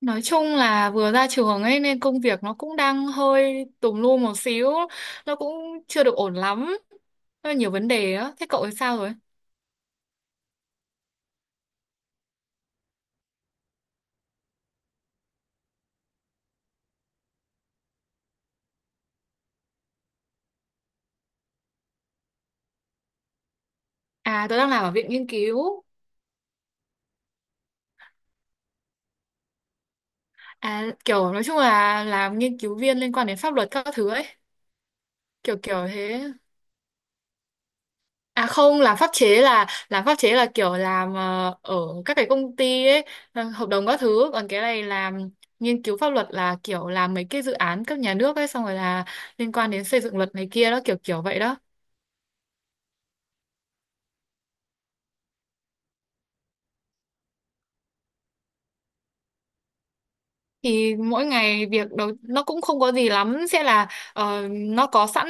Nói chung là vừa ra trường ấy nên công việc nó cũng đang hơi tùm lum một xíu, nó cũng chưa được ổn lắm, nó nhiều vấn đề á. Thế cậu thì sao rồi? À, tôi đang làm ở viện nghiên cứu, à kiểu nói chung là làm nghiên cứu viên liên quan đến pháp luật các thứ ấy, kiểu kiểu thế. À không, làm pháp chế là kiểu làm ở các cái công ty ấy, hợp đồng các thứ, còn cái này làm nghiên cứu pháp luật là kiểu làm mấy cái dự án cấp nhà nước ấy, xong rồi là liên quan đến xây dựng luật này kia đó, kiểu kiểu vậy đó. Thì mỗi ngày việc đầu nó cũng không có gì lắm, sẽ là nó có sẵn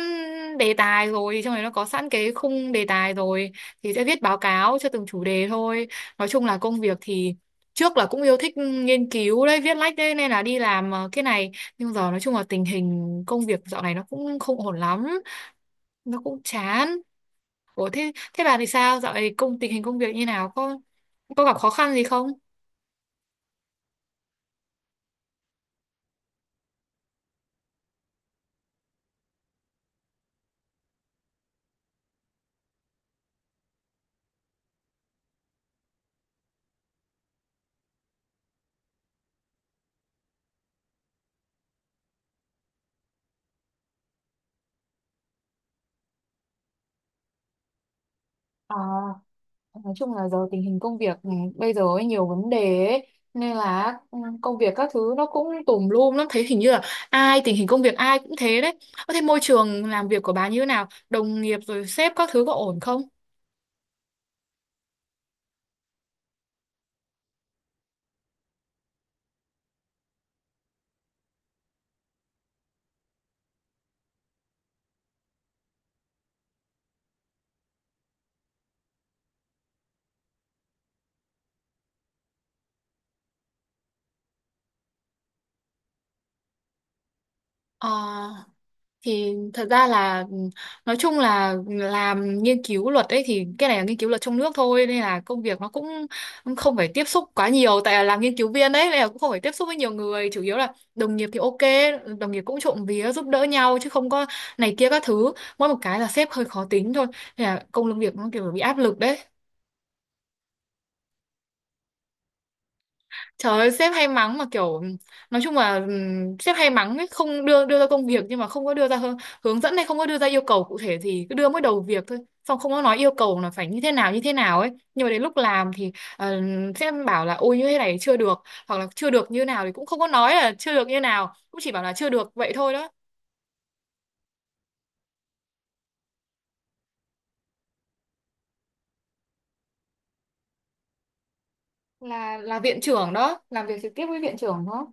đề tài rồi, trong này nó có sẵn cái khung đề tài rồi thì sẽ viết báo cáo cho từng chủ đề thôi. Nói chung là công việc thì trước là cũng yêu thích nghiên cứu đấy, viết lách đấy, nên là đi làm cái này, nhưng giờ nói chung là tình hình công việc dạo này nó cũng không ổn lắm, nó cũng chán. Ủa thế thế bà thì sao, dạo này tình hình công việc như nào, có gặp khó khăn gì không? Ờ, nói chung là giờ tình hình công việc này, bây giờ ấy nhiều vấn đề ấy, nên là ừ, công việc các thứ nó cũng tùm lum lắm, thấy hình như là ai tình hình công việc ai cũng thế đấy. Ơ thế môi trường làm việc của bà như thế nào? Đồng nghiệp rồi sếp các thứ có ổn không? Ờ, thì thật ra là ừ, nói chung là làm nghiên cứu luật ấy, thì cái này là nghiên cứu luật trong nước thôi nên là công việc nó cũng không phải tiếp xúc quá nhiều, tại là làm nghiên cứu viên đấy nên là cũng không phải tiếp xúc với nhiều người, chủ yếu là đồng nghiệp thì ok. Đồng nghiệp cũng trộm vía giúp đỡ nhau chứ không có này kia các thứ, mỗi một cái là sếp hơi khó tính thôi, nên là công việc nó kiểu bị áp lực đấy. Trời ơi, sếp hay mắng mà kiểu nói chung là sếp hay mắng ấy, không đưa đưa ra công việc nhưng mà không có đưa ra hướng, hướng dẫn, hay không có đưa ra yêu cầu cụ thể, thì cứ đưa mới đầu việc thôi. Xong không có nói yêu cầu là phải như thế nào ấy. Nhưng mà đến lúc làm thì ờ, sếp bảo là ôi như thế này chưa được, hoặc là chưa được như nào thì cũng không có nói là chưa được như nào, cũng chỉ bảo là chưa được vậy thôi đó. Là viện trưởng đó, làm việc trực tiếp với viện trưởng đó.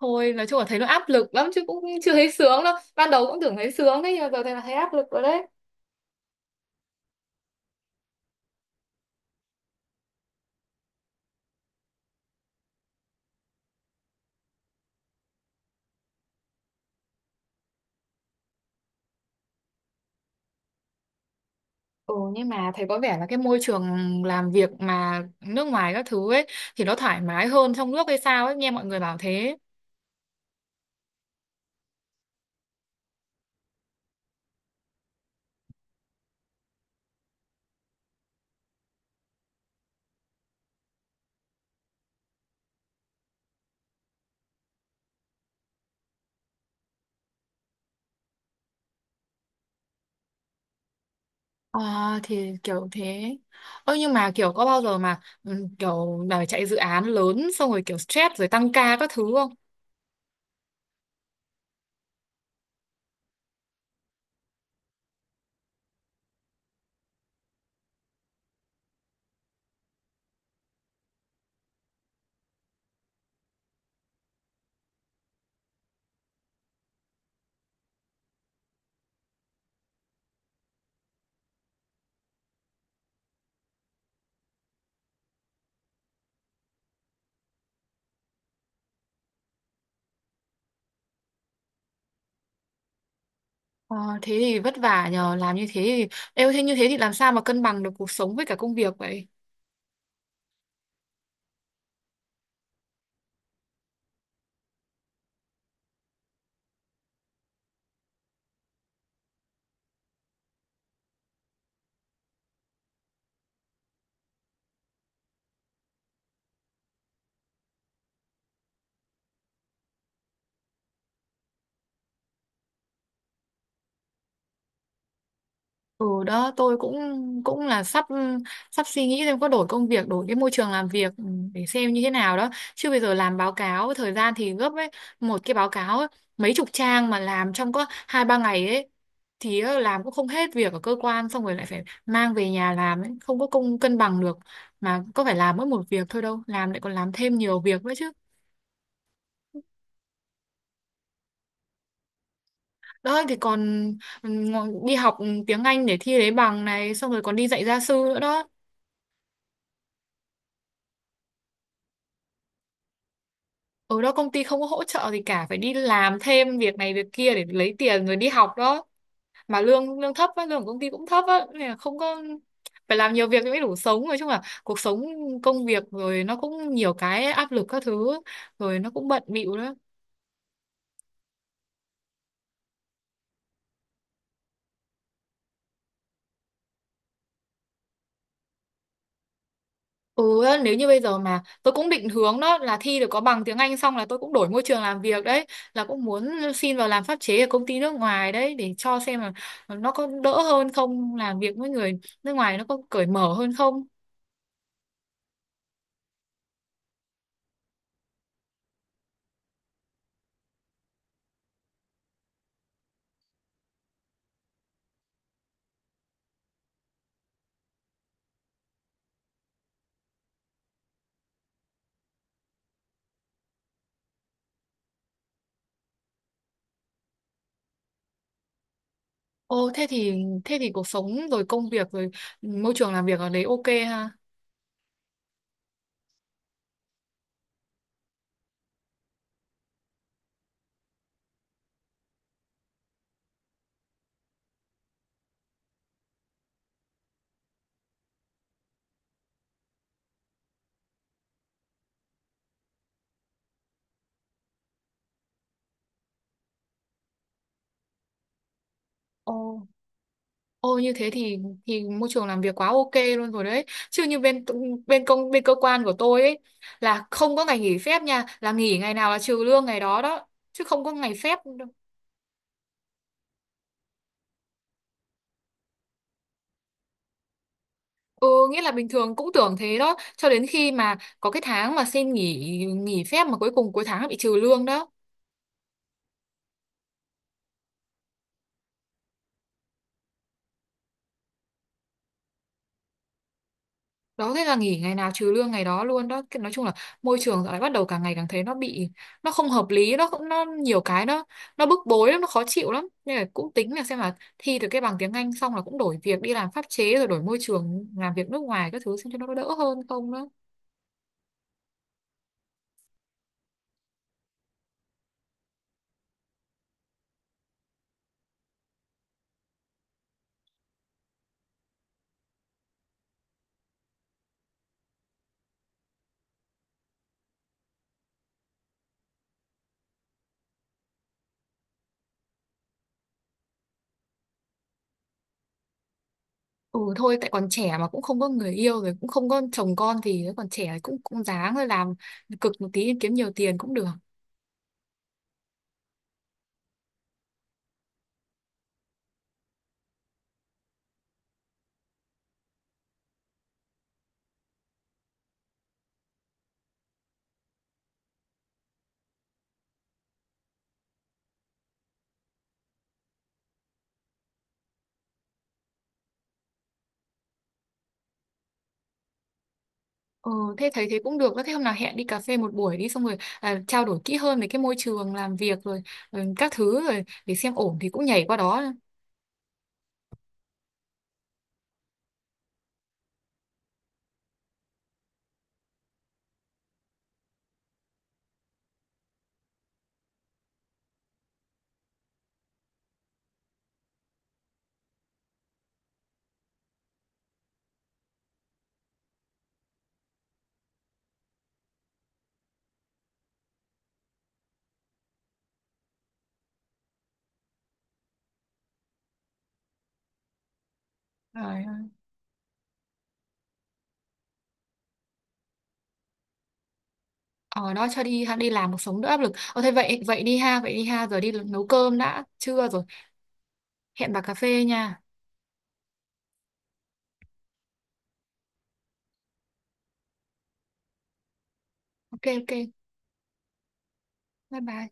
Thôi nói chung là thấy nó áp lực lắm chứ cũng chưa thấy sướng đâu. Ban đầu cũng tưởng thấy sướng đấy, nhưng mà giờ thấy là thấy áp lực rồi đấy. Ừ, nhưng mà thấy có vẻ là cái môi trường làm việc mà nước ngoài các thứ ấy thì nó thoải mái hơn trong nước hay sao ấy, nghe mọi người bảo thế. Ờ, thì kiểu thế. Ơ nhưng mà kiểu có bao giờ mà ừ, kiểu mà chạy dự án lớn xong rồi kiểu stress rồi tăng ca các thứ không? Ờ, thế thì vất vả nhờ, làm như thế thì như thế thì làm sao mà cân bằng được cuộc sống với cả công việc vậy? Ừ đó, tôi cũng cũng là sắp sắp suy nghĩ xem có đổi công việc, đổi cái môi trường làm việc, để xem như thế nào đó, chứ bây giờ làm báo cáo thời gian thì gấp ấy, một cái báo cáo ấy, mấy chục trang mà làm trong có hai ba ngày ấy, thì làm cũng không hết việc ở cơ quan, xong rồi lại phải mang về nhà làm ấy, không có cân bằng được. Mà có phải làm mỗi một việc thôi đâu, làm lại còn làm thêm nhiều việc nữa chứ. Đó thì còn ừ, đi học tiếng Anh để thi lấy bằng này, xong rồi còn đi dạy gia sư nữa đó. Ở đó công ty không có hỗ trợ gì cả, phải đi làm thêm việc này việc kia để lấy tiền rồi đi học đó. Mà lương lương thấp á, lương của công ty cũng thấp á, nên là không có, phải làm nhiều việc mới đủ sống. Nói chung là cuộc sống công việc rồi nó cũng nhiều cái áp lực các thứ, rồi nó cũng bận bịu đó. Ừ nếu như bây giờ mà tôi cũng định hướng đó là thi được có bằng tiếng Anh xong là tôi cũng đổi môi trường làm việc đấy, là cũng muốn xin vào làm pháp chế ở công ty nước ngoài đấy, để cho xem là nó có đỡ hơn không, làm việc với người nước ngoài nó có cởi mở hơn không. Ồ, thế thì cuộc sống rồi công việc rồi môi trường làm việc ở đấy ok ha. Ồ, ồ như thế thì môi trường làm việc quá ok luôn rồi đấy. Chứ như bên bên công bên cơ quan của tôi ấy là không có ngày nghỉ phép nha, là nghỉ ngày nào là trừ lương ngày đó đó, chứ không có ngày phép đâu. Ừ, nghĩa là bình thường cũng tưởng thế đó, cho đến khi mà có cái tháng mà xin nghỉ nghỉ phép mà cuối cùng cuối tháng lại bị trừ lương đó. Đó thế là nghỉ ngày nào trừ lương ngày đó luôn đó. Cái, nói chung là môi trường dạo này bắt đầu càng ngày càng thấy nó bị, nó không hợp lý, nó cũng, nó nhiều cái nó bức bối lắm, nó khó chịu lắm, nên là cũng tính là xem là thi được cái bằng tiếng Anh xong là cũng đổi việc đi làm pháp chế, rồi đổi môi trường làm việc nước ngoài các thứ xem cho nó đỡ hơn không đó. Ừ thôi, tại còn trẻ mà cũng không có người yêu rồi cũng không có chồng con, thì còn trẻ cũng cũng ráng rồi làm cực một tí kiếm nhiều tiền cũng được. Ừ, thế thấy thế cũng được đó. Thế hôm nào hẹn đi cà phê một buổi đi, xong rồi à, trao đổi kỹ hơn về cái môi trường làm việc rồi, rồi các thứ rồi để xem ổn thì cũng nhảy qua đó. Rồi, ờ đó cho đi đi làm cuộc sống đỡ áp lực. Ờ thế vậy vậy đi ha, giờ đi nấu cơm đã, trưa rồi. Hẹn bà cà phê nha. Ok ok. Bye bye.